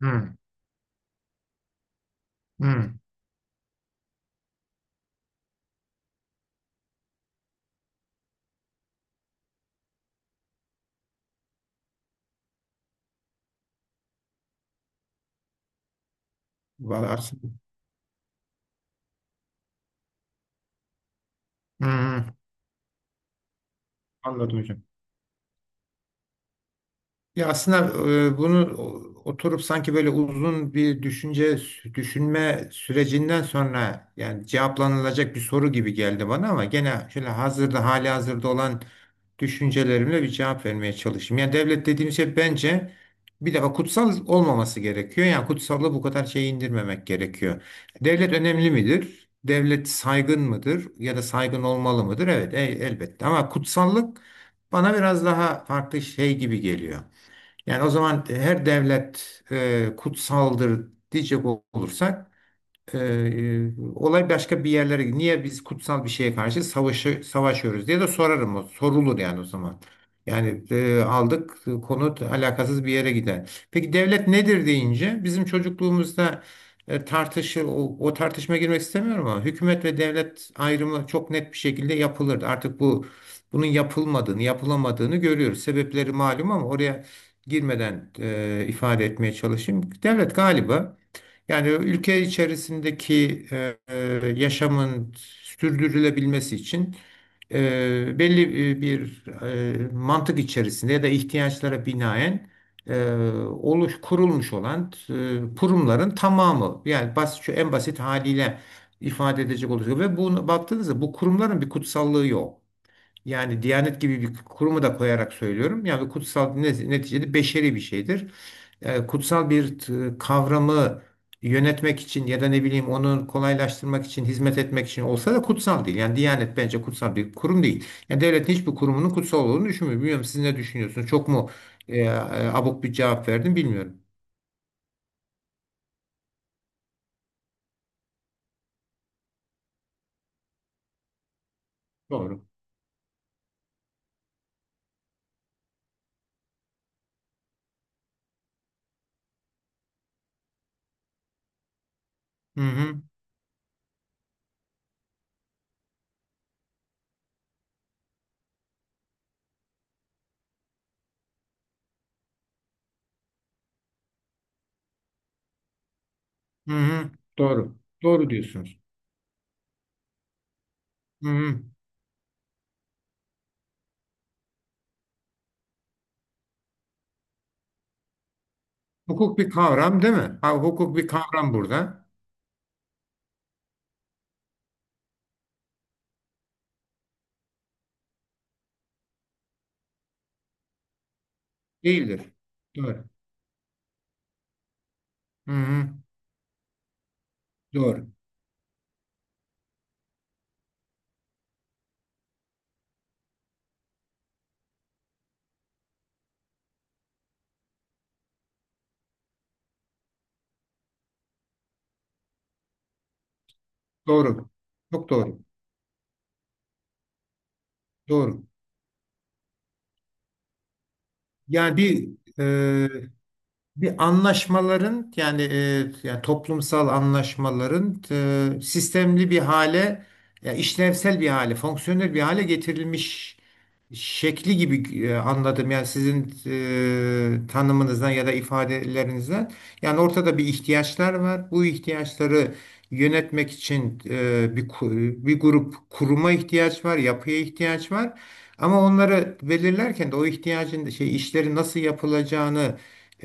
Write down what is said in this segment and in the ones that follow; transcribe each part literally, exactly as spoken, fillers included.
Hı, hı. Vallahi aslında- hı, hı, anladım hocam. Ya aslında e, bunu o- oturup sanki böyle uzun bir düşünce düşünme sürecinden sonra yani cevaplanılacak bir soru gibi geldi bana ama gene şöyle hazırda hali hazırda olan düşüncelerimle bir cevap vermeye çalışayım. Yani devlet dediğim şey bence bir defa kutsal olmaması gerekiyor. Yani kutsallığı bu kadar şey indirmemek gerekiyor. Devlet önemli midir? Devlet saygın mıdır? Ya da saygın olmalı mıdır? Evet, e- elbette. Ama kutsallık bana biraz daha farklı şey gibi geliyor. Yani o zaman her devlet e, kutsaldır diyecek olursak ee, e, olay başka bir yerlere gidiyor. Niye biz kutsal bir şeye karşı savaşı savaşıyoruz diye de sorarım o. Sorulur yani o zaman. Yani e, aldık, e, konu t- alakasız bir yere gider. Peki devlet nedir deyince bizim çocukluğumuzda e, tartışır o, o tartışma girmek istemiyorum ama hükümet ve devlet ayrımı çok net bir şekilde yapılırdı. Artık bu bunun yapılmadığını, yapılamadığını görüyoruz. Sebepleri malum ama oraya girmeden e, ifade etmeye çalışayım. Devlet galiba yani ülke içerisindeki e, e, yaşamın sürdürülebilmesi için e, belli e, bir e, mantık içerisinde ya da ihtiyaçlara binaen e, oluş kurulmuş olan e, kurumların tamamı, yani basit, şu en basit haliyle ifade edecek olursak ve bunu baktığınızda bu kurumların bir kutsallığı yok. Yani Diyanet gibi bir kurumu da koyarak söylüyorum. Yani kutsal, ne- neticede beşeri bir şeydir. E, kutsal bir t- kavramı yönetmek için ya da ne bileyim onu kolaylaştırmak için, hizmet etmek için olsa da kutsal değil. Yani Diyanet bence kutsal bir kurum değil. Yani devletin hiçbir kurumunun kutsal olduğunu düşünmüyorum. Bilmiyorum, siz ne düşünüyorsunuz? Çok mu e, e, abuk bir cevap verdim, bilmiyorum. Doğru. Hı hı. Hı hı. Doğru. Doğru diyorsunuz. Hı hı. Hukuk bir kavram değil mi? Ha, hukuk bir kavram burada. Değildir. Doğru. Hı hı. Doğru. Doğru. Çok doğru. Doğru. Yani bir e, bir anlaşmaların, yani, e, yani toplumsal anlaşmaların e, sistemli bir hale, ya işlevsel bir hale, fonksiyonel bir hale getirilmiş şekli gibi e, anladım. Yani sizin e, tanımınızdan ya da ifadelerinizden. Yani ortada bir ihtiyaçlar var. Bu ihtiyaçları yönetmek için e, bir ku- bir grup kuruma ihtiyaç var, yapıya ihtiyaç var. Ama onları belirlerken de o ihtiyacın şey, işleri nasıl yapılacağını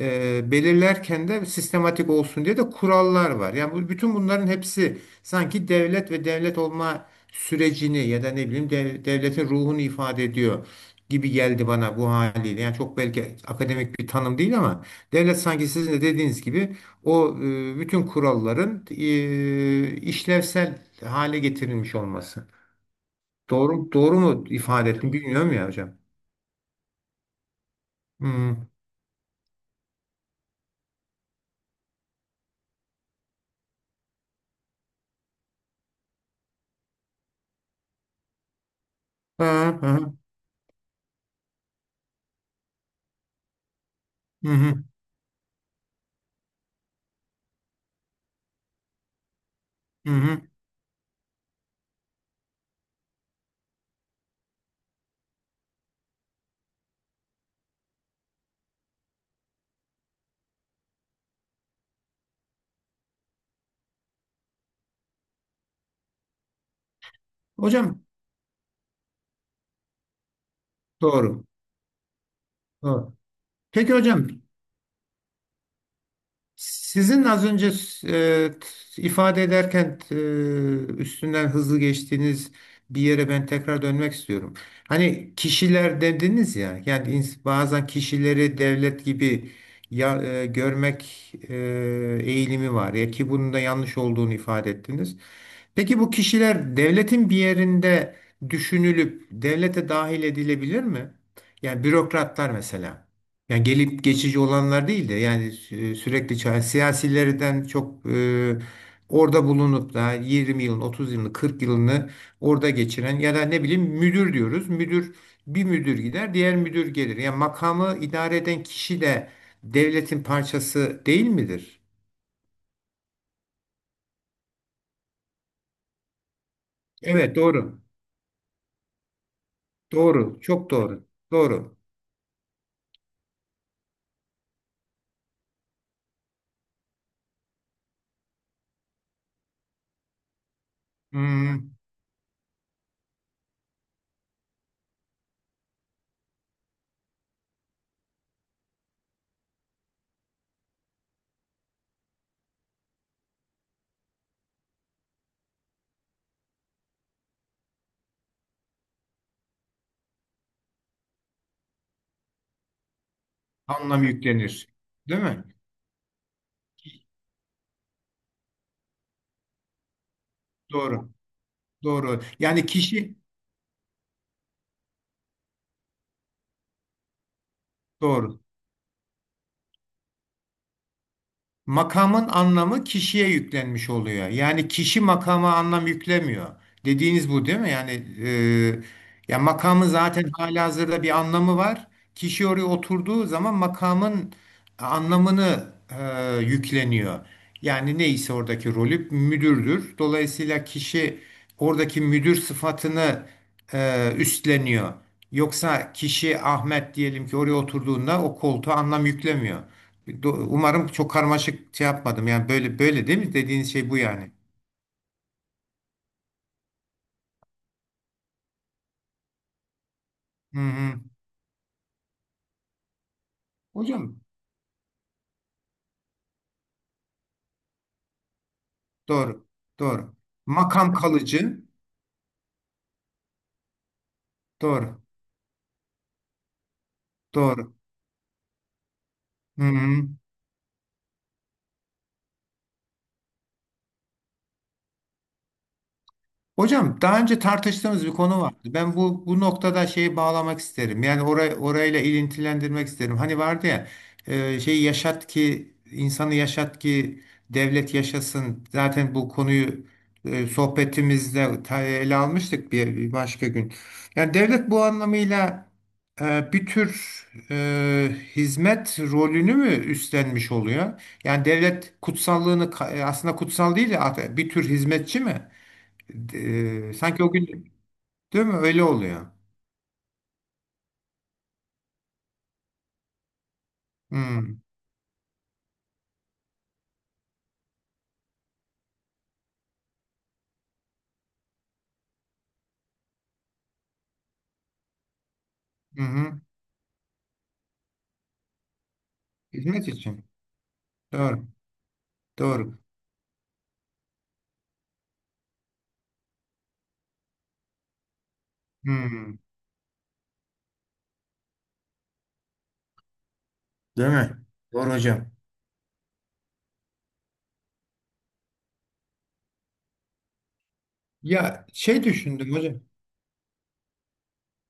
e, belirlerken de sistematik olsun diye de kurallar var. Yani bu, bütün bunların hepsi sanki devlet ve devlet olma sürecini ya da ne bileyim dev- devletin ruhunu ifade ediyor gibi geldi bana bu haliyle. Yani çok belki akademik bir tanım değil ama devlet sanki sizin de dediğiniz gibi o e, bütün kuralların e, işlevsel hale getirilmiş olması. Doğru doğru mu ifade ettim bilmiyorum ya hocam. Hmm. Ha, ha, hı hı, hı hı. Hocam doğru. Doğru. Peki hocam, sizin az önce e, t- ifade ederken e, üstünden hızlı geçtiğiniz bir yere ben tekrar dönmek istiyorum. Hani kişiler dediniz ya, yani ins- bazen kişileri devlet gibi ya, e, görmek e, eğilimi var ya, ki bunun da yanlış olduğunu ifade ettiniz. Peki bu kişiler devletin bir yerinde düşünülüp devlete dahil edilebilir mi? Yani bürokratlar mesela. Yani gelip geçici olanlar değil de yani sü- sürekli, ça- siyasilerden çok e, orada bulunup da yirmi yılın, otuz yılını, kırk yılını orada geçiren ya da ne bileyim müdür diyoruz. Müdür, bir müdür gider, diğer müdür gelir. Yani makamı idare eden kişi de devletin parçası değil midir? Evet, doğru. Doğru. Çok doğru. Doğru. Hmm, anlam yüklenir. Değil mi? Doğru. Doğru. Yani kişi doğru. Makamın anlamı kişiye yüklenmiş oluyor. Yani kişi makama anlam yüklemiyor. Dediğiniz bu değil mi? Yani e, ya, makamın zaten halihazırda bir anlamı var. Kişi oraya oturduğu zaman makamın anlamını e, yükleniyor. Yani neyse, oradaki rolü müdürdür. Dolayısıyla kişi oradaki müdür sıfatını e, üstleniyor. Yoksa kişi Ahmet diyelim ki oraya oturduğunda o koltuğa anlam yüklemiyor. Do- Umarım çok karmaşık şey yapmadım. Yani böyle, böyle değil mi? Dediğiniz şey bu yani. Hı hı. Hocam doğru. Doğru. Makam kalıcı. Doğru. Doğru. Hı hı. Hocam, daha önce tartıştığımız bir konu vardı. Ben bu bu noktada şeyi bağlamak isterim. Yani orayı orayla ilintilendirmek isterim. Hani vardı ya, e, şey, yaşat ki insanı, yaşat ki devlet yaşasın. Zaten bu konuyu e, sohbetimizde ta- ele almıştık bir, bir başka gün. Yani devlet bu anlamıyla e, bir tür e, hizmet rolünü mü üstlenmiş oluyor? Yani devlet kutsallığını ka- e, aslında kutsal değil de bir tür hizmetçi mi? E, sanki o gün, değil mi? Öyle oluyor. Hmm. Hı hı. Hizmet için. Doğru. Doğru. Hmm. Değil mi? Doğru hocam. Ya şey düşündüm hocam.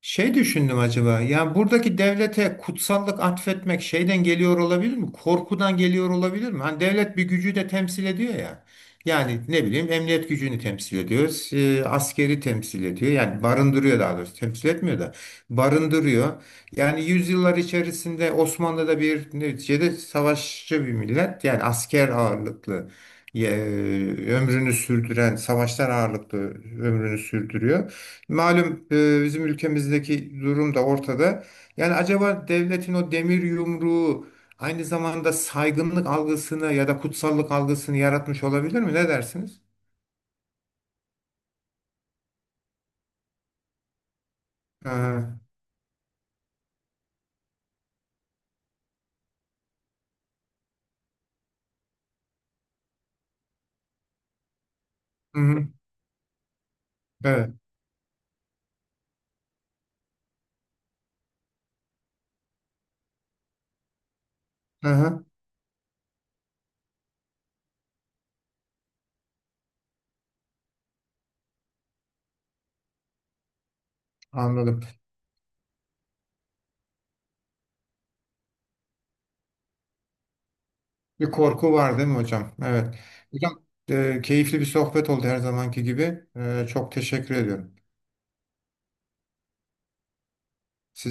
Şey düşündüm acaba. Yani buradaki devlete kutsallık atfetmek şeyden geliyor olabilir mi? Korkudan geliyor olabilir mi? Hani devlet bir gücü de temsil ediyor ya. Yani ne bileyim, emniyet gücünü temsil ediyor, e, askeri temsil ediyor. Yani barındırıyor daha doğrusu. Temsil etmiyor da barındırıyor. Yani yüzyıllar içerisinde Osmanlı'da bir neticede savaşçı bir millet. Yani asker ağırlıklı e, ömrünü sürdüren, savaşlar ağırlıklı ömrünü sürdürüyor. Malum, e, bizim ülkemizdeki durum da ortada. Yani acaba devletin o demir yumruğu aynı zamanda saygınlık algısını ya da kutsallık algısını yaratmış olabilir mi? Ne dersiniz? Aha. Hı hı. Evet. Aha. Anladım. Bir korku var değil mi hocam? Evet. Hocam, e, keyifli bir sohbet oldu her zamanki gibi. E, çok teşekkür ediyorum.